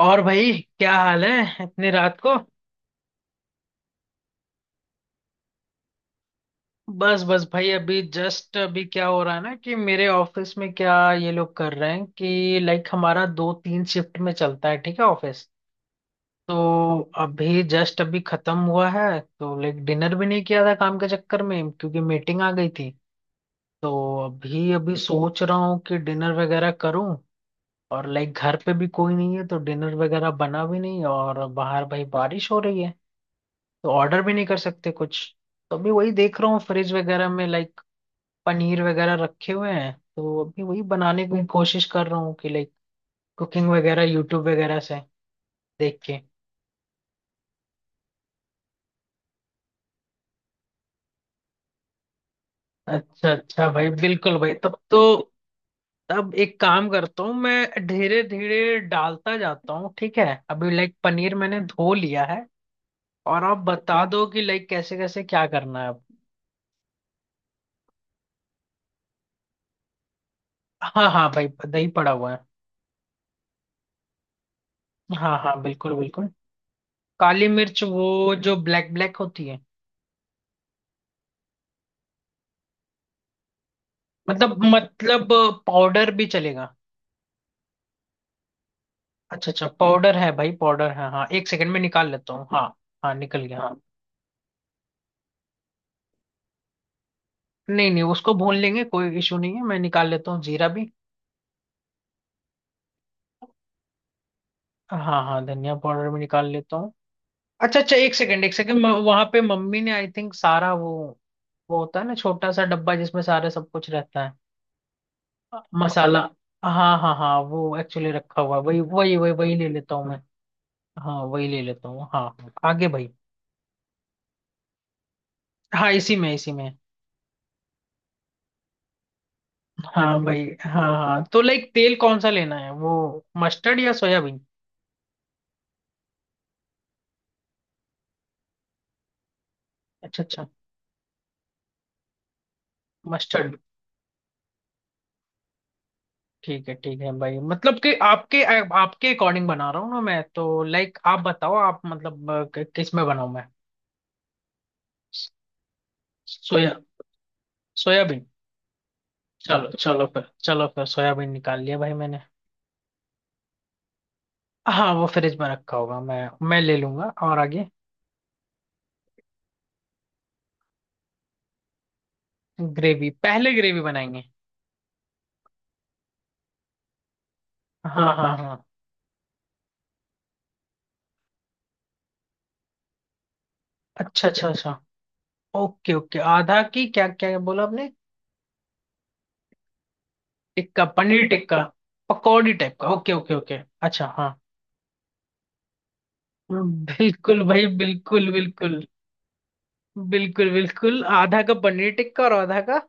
और भाई, क्या हाल है इतनी रात को। बस बस भाई, अभी जस्ट अभी क्या हो रहा है ना कि मेरे ऑफिस में क्या ये लोग कर रहे हैं कि लाइक हमारा दो तीन शिफ्ट में चलता है, ठीक है ऑफिस। तो अभी जस्ट अभी खत्म हुआ है। तो लाइक डिनर भी नहीं किया था काम के चक्कर में, क्योंकि मीटिंग आ गई थी। तो अभी अभी सोच रहा हूँ कि डिनर वगैरह करूँ। और लाइक घर पे भी कोई नहीं है, तो डिनर वगैरह बना भी नहीं। और बाहर भाई बारिश हो रही है, तो ऑर्डर भी नहीं कर सकते कुछ। तो अभी वही देख रहा हूँ फ्रिज वगैरह में, लाइक पनीर वगैरह रखे हुए हैं। तो अभी वही बनाने की कोशिश कर रहा हूँ कि लाइक कुकिंग वगैरह यूट्यूब वगैरह से देख के। अच्छा अच्छा भाई, बिल्कुल भाई, तब तो। अब एक काम करता हूँ, मैं धीरे धीरे डालता जाता हूँ, ठीक है। अभी लाइक पनीर मैंने धो लिया है। और आप बता दो कि लाइक कैसे कैसे क्या करना है अब। हाँ हाँ भाई, दही पड़ा हुआ है। हाँ हाँ, बिल्कुल बिल्कुल। काली मिर्च वो जो ब्लैक ब्लैक होती है। मतलब पाउडर भी चलेगा। अच्छा अच्छा, पाउडर है भाई, पाउडर है, हाँ, एक सेकंड में निकाल लेता हूँ, हाँ। हाँ निकल गया, हाँ। नहीं नहीं, उसको भून लेंगे, कोई इशू नहीं है। मैं निकाल लेता हूँ जीरा भी। हाँ हाँ, धनिया पाउडर भी निकाल लेता हूँ। अच्छा अच्छा, एक सेकंड एक सेकंड, वहां पे मम्मी ने आई थिंक सारा वो होता है ना छोटा सा डब्बा जिसमें सारे सब कुछ रहता है। मसाला। हाँ हाँ हाँ, वो एक्चुअली रखा हुआ है, वही वही वही वही ले लेता हूँ मैं। हाँ वही ले लेता हूँ, हाँ हाँ। आगे भाई। हाँ इसी में, इसी में। हाँ भाई, हाँ हाँ, तो लाइक तेल कौन सा लेना है वो, मस्टर्ड या सोयाबीन। अच्छा अच्छा, मस्टर्ड। ठीक है भाई, मतलब कि आपके आपके अकॉर्डिंग बना रहा हूँ ना मैं, तो लाइक आप बताओ, आप मतलब किस में बनाऊँ मैं। सोया, सोयाबीन। चलो चलो फिर, चलो फिर सोयाबीन निकाल लिया भाई मैंने। हाँ वो फ्रिज में रखा होगा, मैं ले लूंगा। और आगे। ग्रेवी, पहले ग्रेवी बनाएंगे। हाँ हाँ हाँ। अच्छा अच्छा अच्छा। ओके ओके, आधा की क्या क्या बोला आपने। टिक्का, पनीर टिक्का। पकौड़ी टाइप का, ओके ओके ओके, अच्छा हाँ। बिल्कुल भाई, बिल्कुल बिल्कुल। बिल्कुल बिल्कुल, आधा का पनीर टिक्का और आधा का।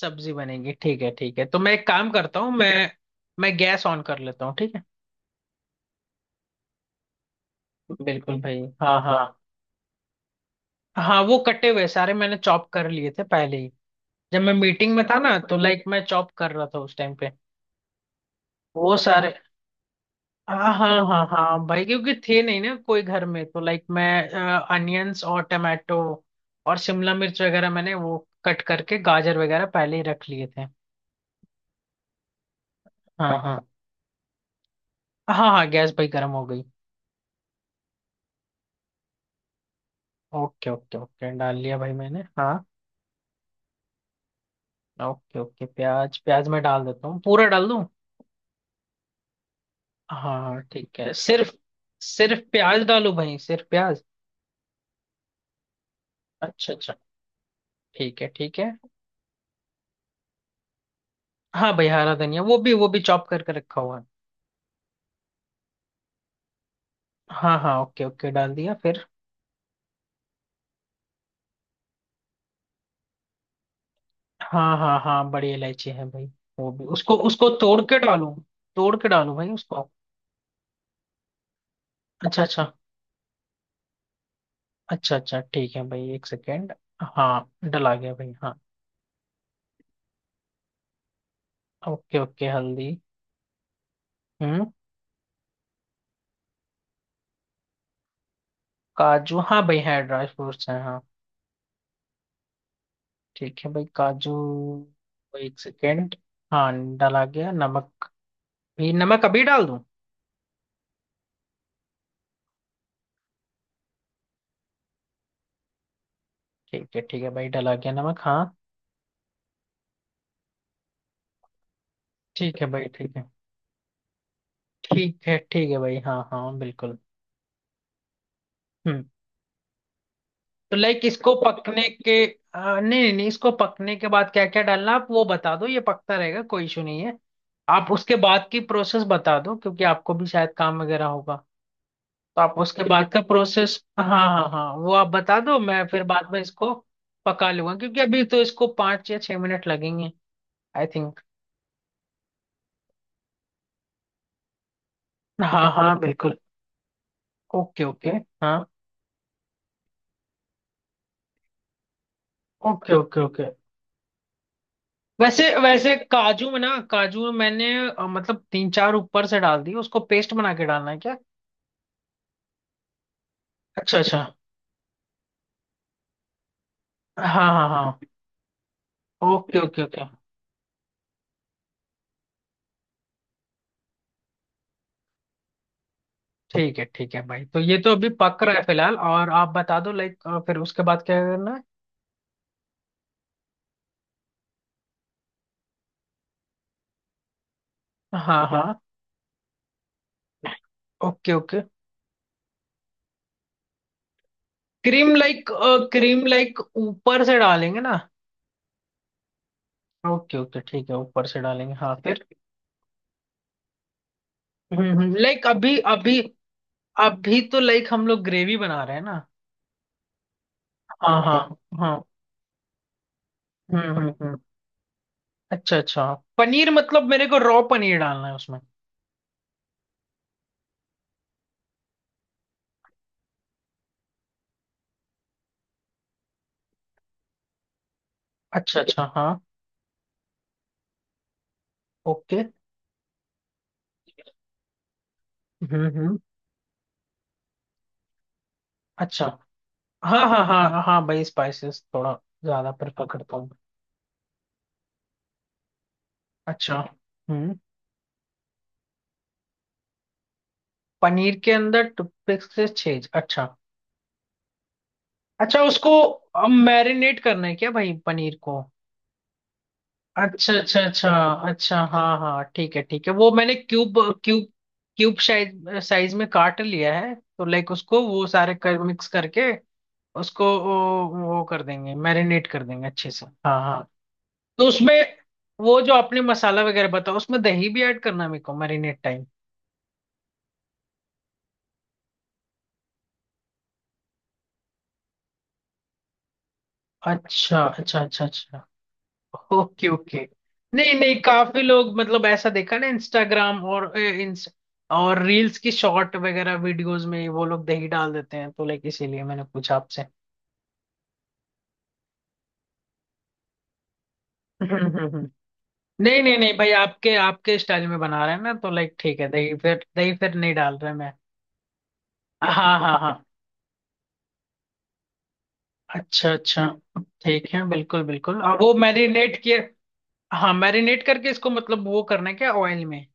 सब्जी बनेगी। ठीक है ठीक है, तो मैं एक काम करता हूँ, मैं गैस ऑन कर लेता हूँ, ठीक है। बिल्कुल भाई, हाँ हाँ। हाँ वो कटे हुए सारे मैंने चॉप कर लिए थे पहले ही। जब मैं मीटिंग में था ना, तो लाइक मैं चॉप कर रहा था उस टाइम पे। वो सारे, हाँ हाँ हाँ हाँ भाई, क्योंकि थे नहीं ना कोई घर में, तो लाइक मैं अनियंस और टमाटो और शिमला मिर्च वगैरह मैंने वो कट करके गाजर वगैरह पहले ही रख लिए थे। हाँ हाँ। हाँ हाँ गैस भाई गर्म हो गई। ओके ओके ओके, डाल लिया भाई मैंने, हाँ। ओके ओके, प्याज, प्याज मैं डाल देता हूँ, पूरा डाल दूँ। हाँ हाँ, ठीक है, सिर्फ सिर्फ प्याज डालूं भाई, सिर्फ प्याज। अच्छा अच्छा, ठीक है ठीक है। हाँ भाई, हरा धनिया, वो भी चॉप करके रखा हुआ है। हाँ हाँ, ओके ओके डाल दिया फिर। हाँ हाँ हाँ, बड़ी इलायची है भाई। वो भी, उसको उसको तोड़ के डालो, तोड़ के डालो भाई उसको। अच्छा अच्छा, अच्छा अच्छा, ठीक है भाई, एक सेकेंड। हाँ डला गया भाई, हाँ। ओके ओके, हल्दी। हम्म। काजू, हाँ भाई है, ड्राई फ्रूट्स हैं, हाँ। ठीक है भाई, काजू। भाई एक सेकेंड। हाँ। डला गया नमक भी, नमक अभी डाल दूँ। ठीक है भाई, डला गया नमक, हाँ। ठीक है भाई, ठीक है। ठीक है ठीक है भाई, हाँ हाँ बिल्कुल। हम्म। तो लाइक इसको पकने के, नहीं नहीं नहीं, इसको पकने के बाद क्या क्या डालना, आप वो बता दो, ये पकता रहेगा, कोई इशू नहीं है। आप उसके बाद की प्रोसेस बता दो, क्योंकि आपको भी शायद काम वगैरह होगा, तो आप उसके बाद का प्रोसेस, हाँ हाँ हाँ, वो आप बता दो, मैं फिर बाद में इसको पका लूंगा, क्योंकि अभी तो इसको 5 या 6 मिनट लगेंगे आई थिंक। हाँ हाँ बिल्कुल। Okay okay. हाँ। Okay okay okay. वैसे वैसे काजू में ना, काजू में मैंने मतलब तीन चार ऊपर से डाल दिए, उसको पेस्ट बना के डालना है क्या। अच्छा अच्छा, हाँ हाँ हाँ। Okay okay okay. ठीक है भाई, तो ये तो अभी पक रहा है फिलहाल, और आप बता दो लाइक फिर उसके बाद क्या करना है। हाँ हाँ। Okay okay, cream like, cream like ऊपर से डालेंगे ना। ओके ओके, ठीक है, ऊपर से डालेंगे, हाँ फिर। लाइक अभी अभी, अभी तो लाइक हम लोग ग्रेवी बना रहे हैं ना। हाँ हाँ हाँ। हम्म, अच्छा अच्छा, पनीर मतलब मेरे को रॉ पनीर डालना है उसमें। अच्छा अच्छा, हाँ। ओके। हम्म। अच्छा, हाँ हाँ हाँ हाँ हाँ, भाई स्पाइसेस थोड़ा ज्यादा प्रेफर करता हूँ। अच्छा। हम्म। पनीर के अंदर टूथपिक से छेद, अच्छा। अच्छा उसको मैरिनेट करना है क्या भाई, पनीर को। अच्छा अच्छा अच्छा अच्छा, हाँ हाँ ठीक है ठीक है, वो मैंने cube, cube cube size, size में काट लिया है, तो लाइक उसको वो सारे कर मिक्स करके उसको वो कर देंगे, मैरिनेट कर देंगे अच्छे से, हाँ हाँ। तो उसमें वो जो आपने मसाला वगैरह बताया, उसमें दही भी ऐड करना है मेरे को मैरिनेट टाइम। अच्छा अच्छा अच्छा अच्छा। Okay okay. नहीं नहीं, काफी लोग मतलब ऐसा देखा ना इंस्टाग्राम और और रील्स की शॉर्ट वगैरह वीडियोस में वो लोग दही डाल देते हैं, तो लाइक इसीलिए मैंने पूछा आपसे। हम्म, हम्म, हम्म। नहीं नहीं नहीं भाई, आपके आपके स्टाइल में बना रहे हैं ना, तो लाइक ठीक है, दही फिर, दही फिर नहीं डाल रहे मैं। हाँ हाँ हाँ। अच्छा अच्छा। ठीक है बिल्कुल बिल्कुल, और वो मैरिनेट किए। हाँ मैरिनेट करके इसको मतलब वो करना है क्या ऑयल में।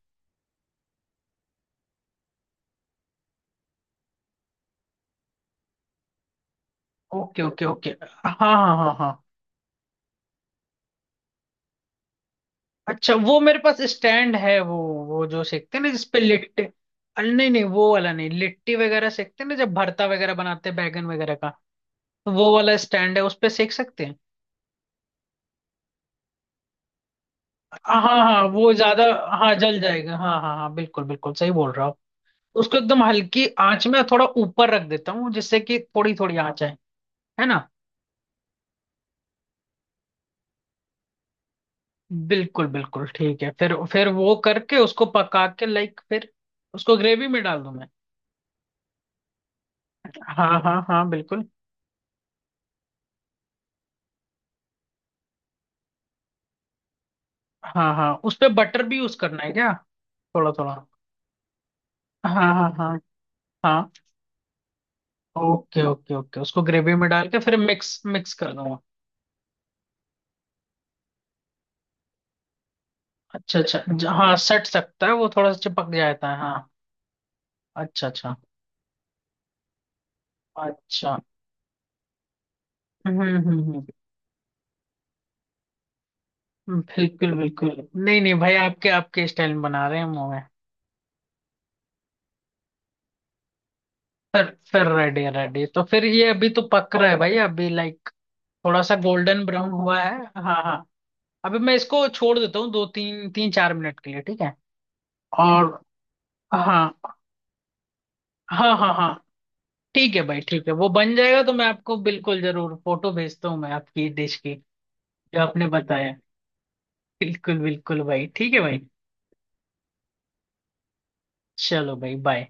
ओके ओके ओके, हाँ हाँ हाँ हाँ। अच्छा वो मेरे पास स्टैंड है, वो जो सेकते हैं ना जिसपे लिट्टी। अरे नहीं नहीं वो वाला नहीं, लिट्टी वगैरह सेकते हैं ना जब भरता वगैरह बनाते हैं बैगन वगैरह का, तो वो वाला स्टैंड है, उस पे सेक सकते हैं। हाँ हाँ, वो ज्यादा, हाँ जल जाएगा, हाँ हाँ हाँ, बिल्कुल बिल्कुल सही बोल रहा हूँ। उसको एकदम हल्की आंच में थोड़ा ऊपर रख देता हूँ, जिससे कि थोड़ी थोड़ी आंच आए, है ना। बिल्कुल बिल्कुल, ठीक है फिर वो करके उसको पका के लाइक फिर उसको ग्रेवी में डाल दूं मैं। हाँ हाँ हाँ, बिल्कुल। हाँ हाँ, उस पे बटर भी यूज करना है क्या, थोड़ा थोड़ा। हाँ हाँ हाँ, हाँ। ओके ओके ओके, उसको ग्रेवी में डाल के फिर मिक्स मिक्स कर दूंगा। अच्छा अच्छा, हाँ सट सकता है, वो थोड़ा सा चिपक जाता है, हाँ। अच्छा अच्छा अच्छा। हम्म हम्म हम्म, हम्म, बिल्कुल बिल्कुल। नहीं नहीं भाई, आपके आपके स्टाइल में बना रहे हैं, मुंह में। फिर फिर रेडी रेडी, तो फिर ये अभी तो पक रहा है भाई, अभी लाइक थोड़ा सा गोल्डन ब्राउन हुआ है। हाँ हाँ, अभी मैं इसको छोड़ देता हूँ दो तीन तीन चार मिनट के लिए, ठीक है। और हाँ हाँ हाँ हाँ, ठीक है भाई ठीक है, वो बन जाएगा तो मैं आपको बिल्कुल जरूर फोटो भेजता हूँ मैं, आपकी डिश की जो आपने बताया। बिल्कुल बिल्कुल भाई, ठीक है भाई। चलो भाई, बाय।